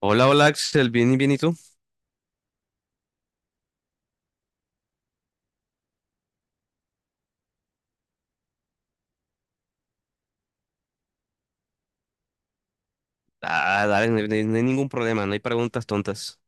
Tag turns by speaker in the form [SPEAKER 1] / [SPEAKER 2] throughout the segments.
[SPEAKER 1] Hola, hola Axel, bien y bien, ¿y tú? Ah, dale, no, hay no hay ningún problema, no hay preguntas tontas.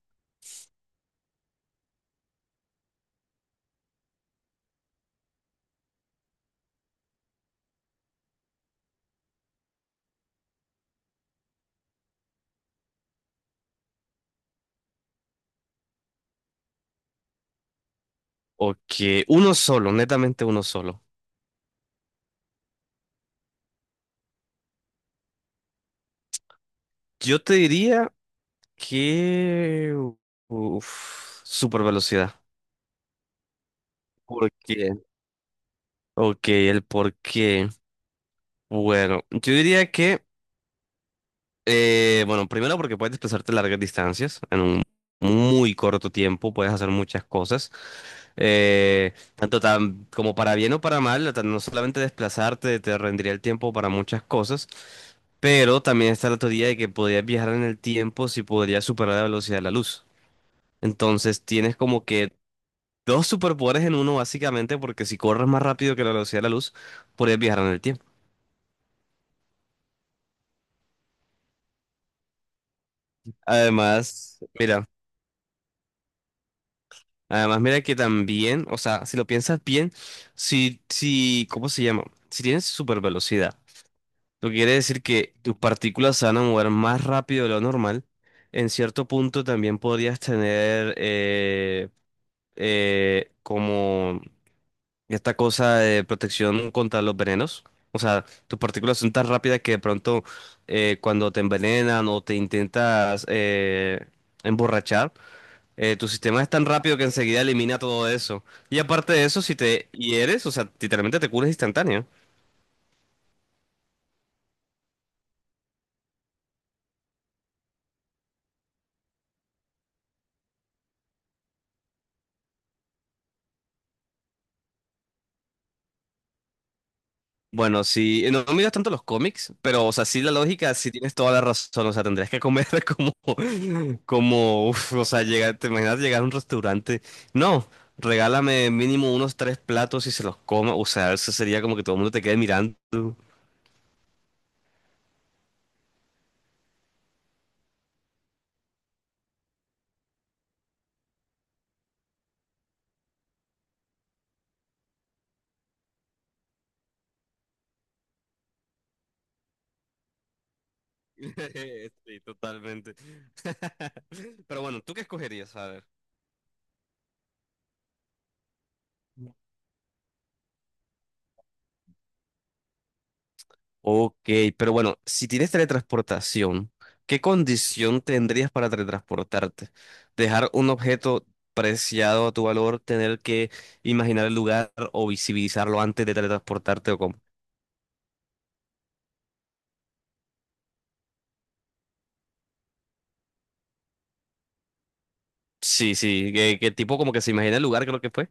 [SPEAKER 1] Ok, uno solo, netamente uno solo. Yo te diría que, uf, super velocidad. ¿Por qué? Ok, el por qué. Bueno, yo diría que, bueno, primero porque puedes desplazarte largas distancias en un muy corto tiempo, puedes hacer muchas cosas, tanto como para bien o para mal, no solamente desplazarte te rendiría el tiempo para muchas cosas, pero también está la teoría de que podrías viajar en el tiempo si podrías superar la velocidad de la luz. Entonces tienes como que dos superpoderes en uno básicamente, porque si corres más rápido que la velocidad de la luz, podrías viajar en el tiempo. Además, mira. Además, mira que también, o sea, si lo piensas bien, si, ¿cómo se llama? Si tienes super velocidad, lo que quiere decir que tus partículas se van a mover más rápido de lo normal, en cierto punto también podrías tener como esta cosa de protección contra los venenos. O sea, tus partículas son tan rápidas que de pronto, cuando te envenenan o te intentas emborrachar, tu sistema es tan rápido que enseguida elimina todo eso. Y aparte de eso, si te hieres, o sea, literalmente te curas instantáneo. Bueno, si no, no miras tanto los cómics, pero, o sea, sí la lógica, sí tienes toda la razón. O sea, tendrías que comer como, uf, o sea, llegar, te imaginas llegar a un restaurante. No, regálame mínimo unos tres platos y se los coma. O sea, eso sería como que todo el mundo te quede mirando. Sí, totalmente. Pero bueno, ¿tú qué escogerías? A ver. Ok, pero bueno, si tienes teletransportación, ¿qué condición tendrías para teletransportarte? Dejar un objeto preciado a tu valor, tener que imaginar el lugar o visibilizarlo antes de teletransportarte, ¿o cómo? Sí, sí, que, tipo como que se imagina el lugar, creo que fue.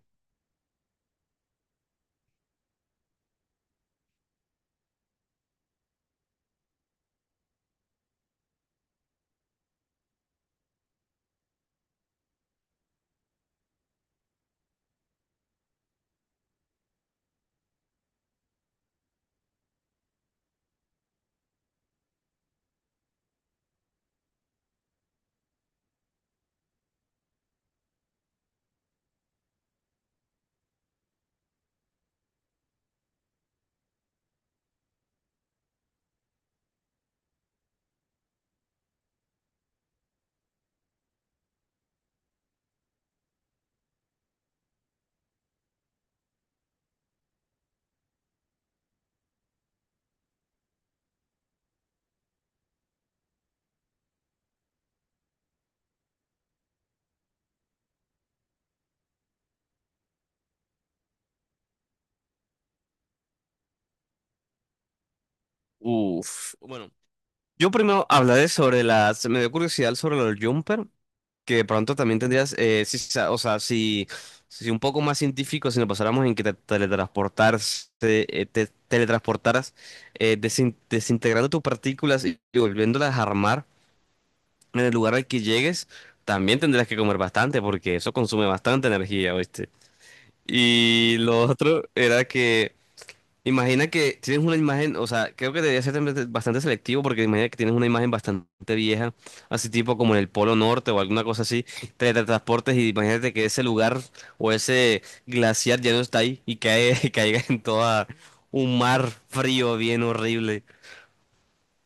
[SPEAKER 1] Uf, bueno, yo primero hablaré sobre me dio curiosidad sobre los jumper, que de pronto también tendrías, sí, o sea, si, si un poco más científico, si nos pasáramos en que te teletransportaras, desintegrando tus partículas y volviéndolas a armar en el lugar al que llegues, también tendrías que comer bastante porque eso consume bastante energía, ¿oíste? Y lo otro era que, imagina que tienes una imagen, o sea, creo que debería ser también bastante selectivo, porque imagina que tienes una imagen bastante vieja, así tipo como en el Polo Norte o alguna cosa así, te transportes y imagínate que ese lugar o ese glaciar ya no está ahí y cae, y caiga en toda un mar frío bien horrible,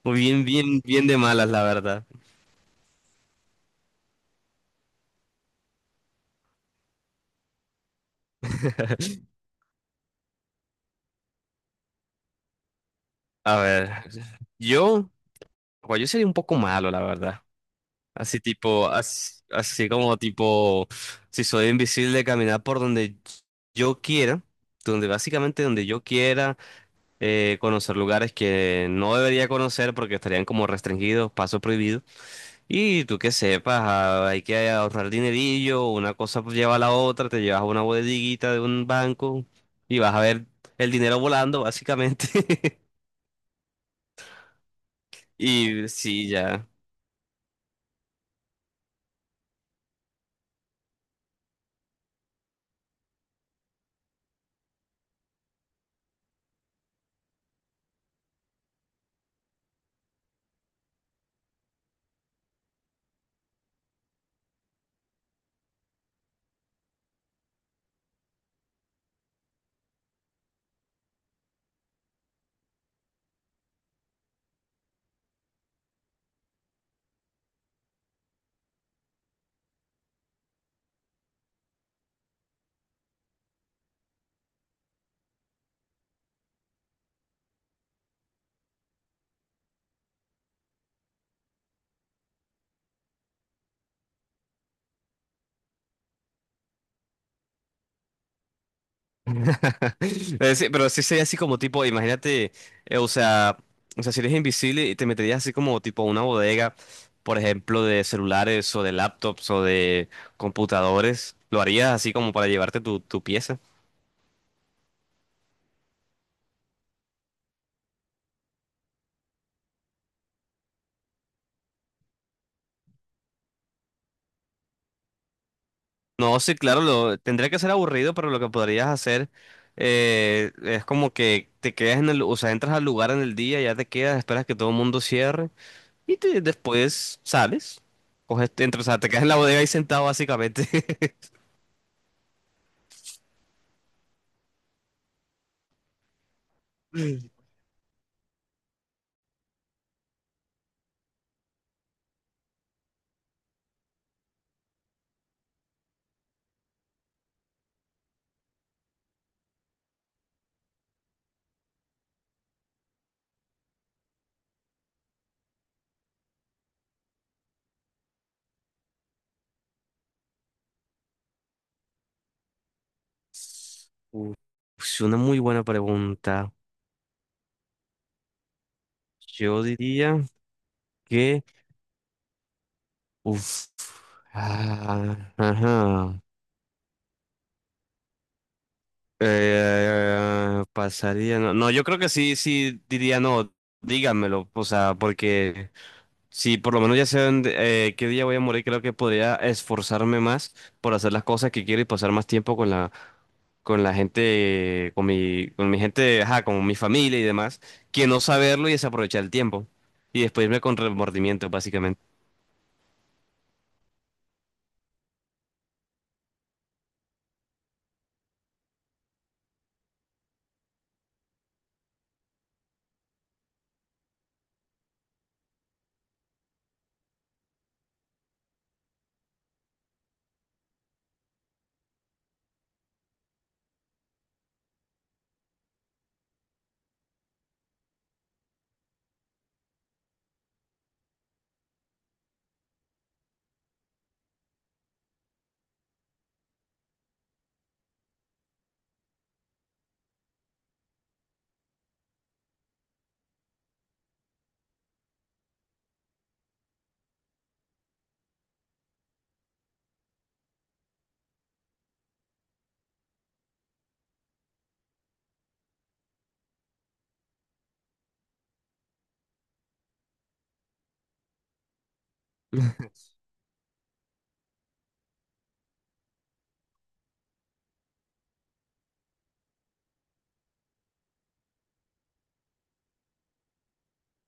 [SPEAKER 1] o bien, bien, bien de malas, la verdad. A ver, yo, pues yo sería un poco malo, la verdad. Así tipo, así como tipo, si soy invisible, caminar por donde yo quiera, donde básicamente donde yo quiera, conocer lugares que no debería conocer porque estarían como restringidos, paso prohibido. Y tú que sepas, ah, hay que ahorrar dinerillo, una cosa pues lleva a la otra, te llevas a una bodeguita de un banco y vas a ver el dinero volando, básicamente. Y sí, ya. Sí, pero sí sería así como tipo, imagínate, o sea, si eres invisible y te meterías así como tipo a una bodega, por ejemplo, de celulares o de laptops o de computadores, lo harías así como para llevarte tu pieza. No, sí, claro, tendría que ser aburrido, pero lo que podrías hacer, es como que te quedas en o sea, entras al lugar en el día, ya te quedas, esperas que todo el mundo cierre y después sales, coges, entras, o sea, te quedas en la bodega ahí sentado básicamente. Uf, es una muy buena pregunta. Yo diría que, uf, ah, ajá, pasaría, no, no, yo creo que sí, sí diría no, díganmelo, o sea, porque si por lo menos ya sé qué día voy a morir, creo que podría esforzarme más por hacer las cosas que quiero y pasar más tiempo con con la gente, con con mi gente, ajá, con mi familia y demás, que no saberlo y desaprovechar el tiempo. Y después irme con remordimiento, básicamente.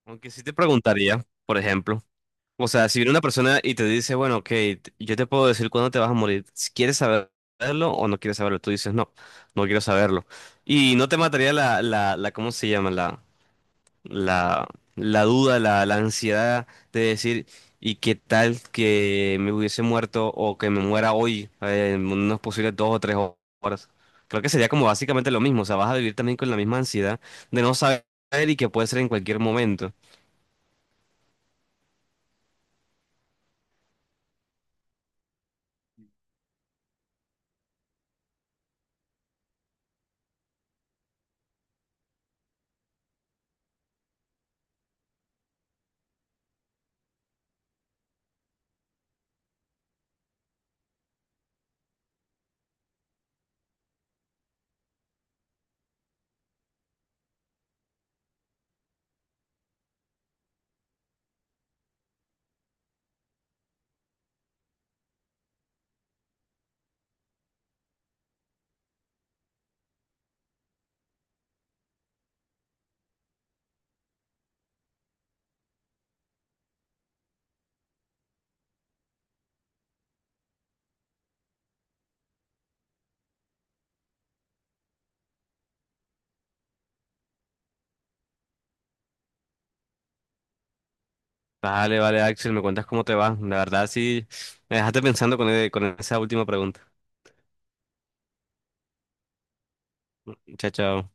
[SPEAKER 1] Aunque sí te preguntaría, por ejemplo, o sea, si viene una persona y te dice, bueno, ok, yo te puedo decir cuándo te vas a morir, si quieres saberlo o no quieres saberlo, tú dices, no, no quiero saberlo. Y no te mataría la, ¿cómo se llama? la, la duda, la ansiedad de decir, ¿y qué tal que me hubiese muerto o que me muera hoy, en unos posibles dos o tres horas? Creo que sería como básicamente lo mismo, o sea, vas a vivir también con la misma ansiedad de no saber, y que puede ser en cualquier momento. Vale, vale, Axel, me cuentas cómo te va. La verdad, sí, me dejaste pensando con, con esa última pregunta. Chao, chao.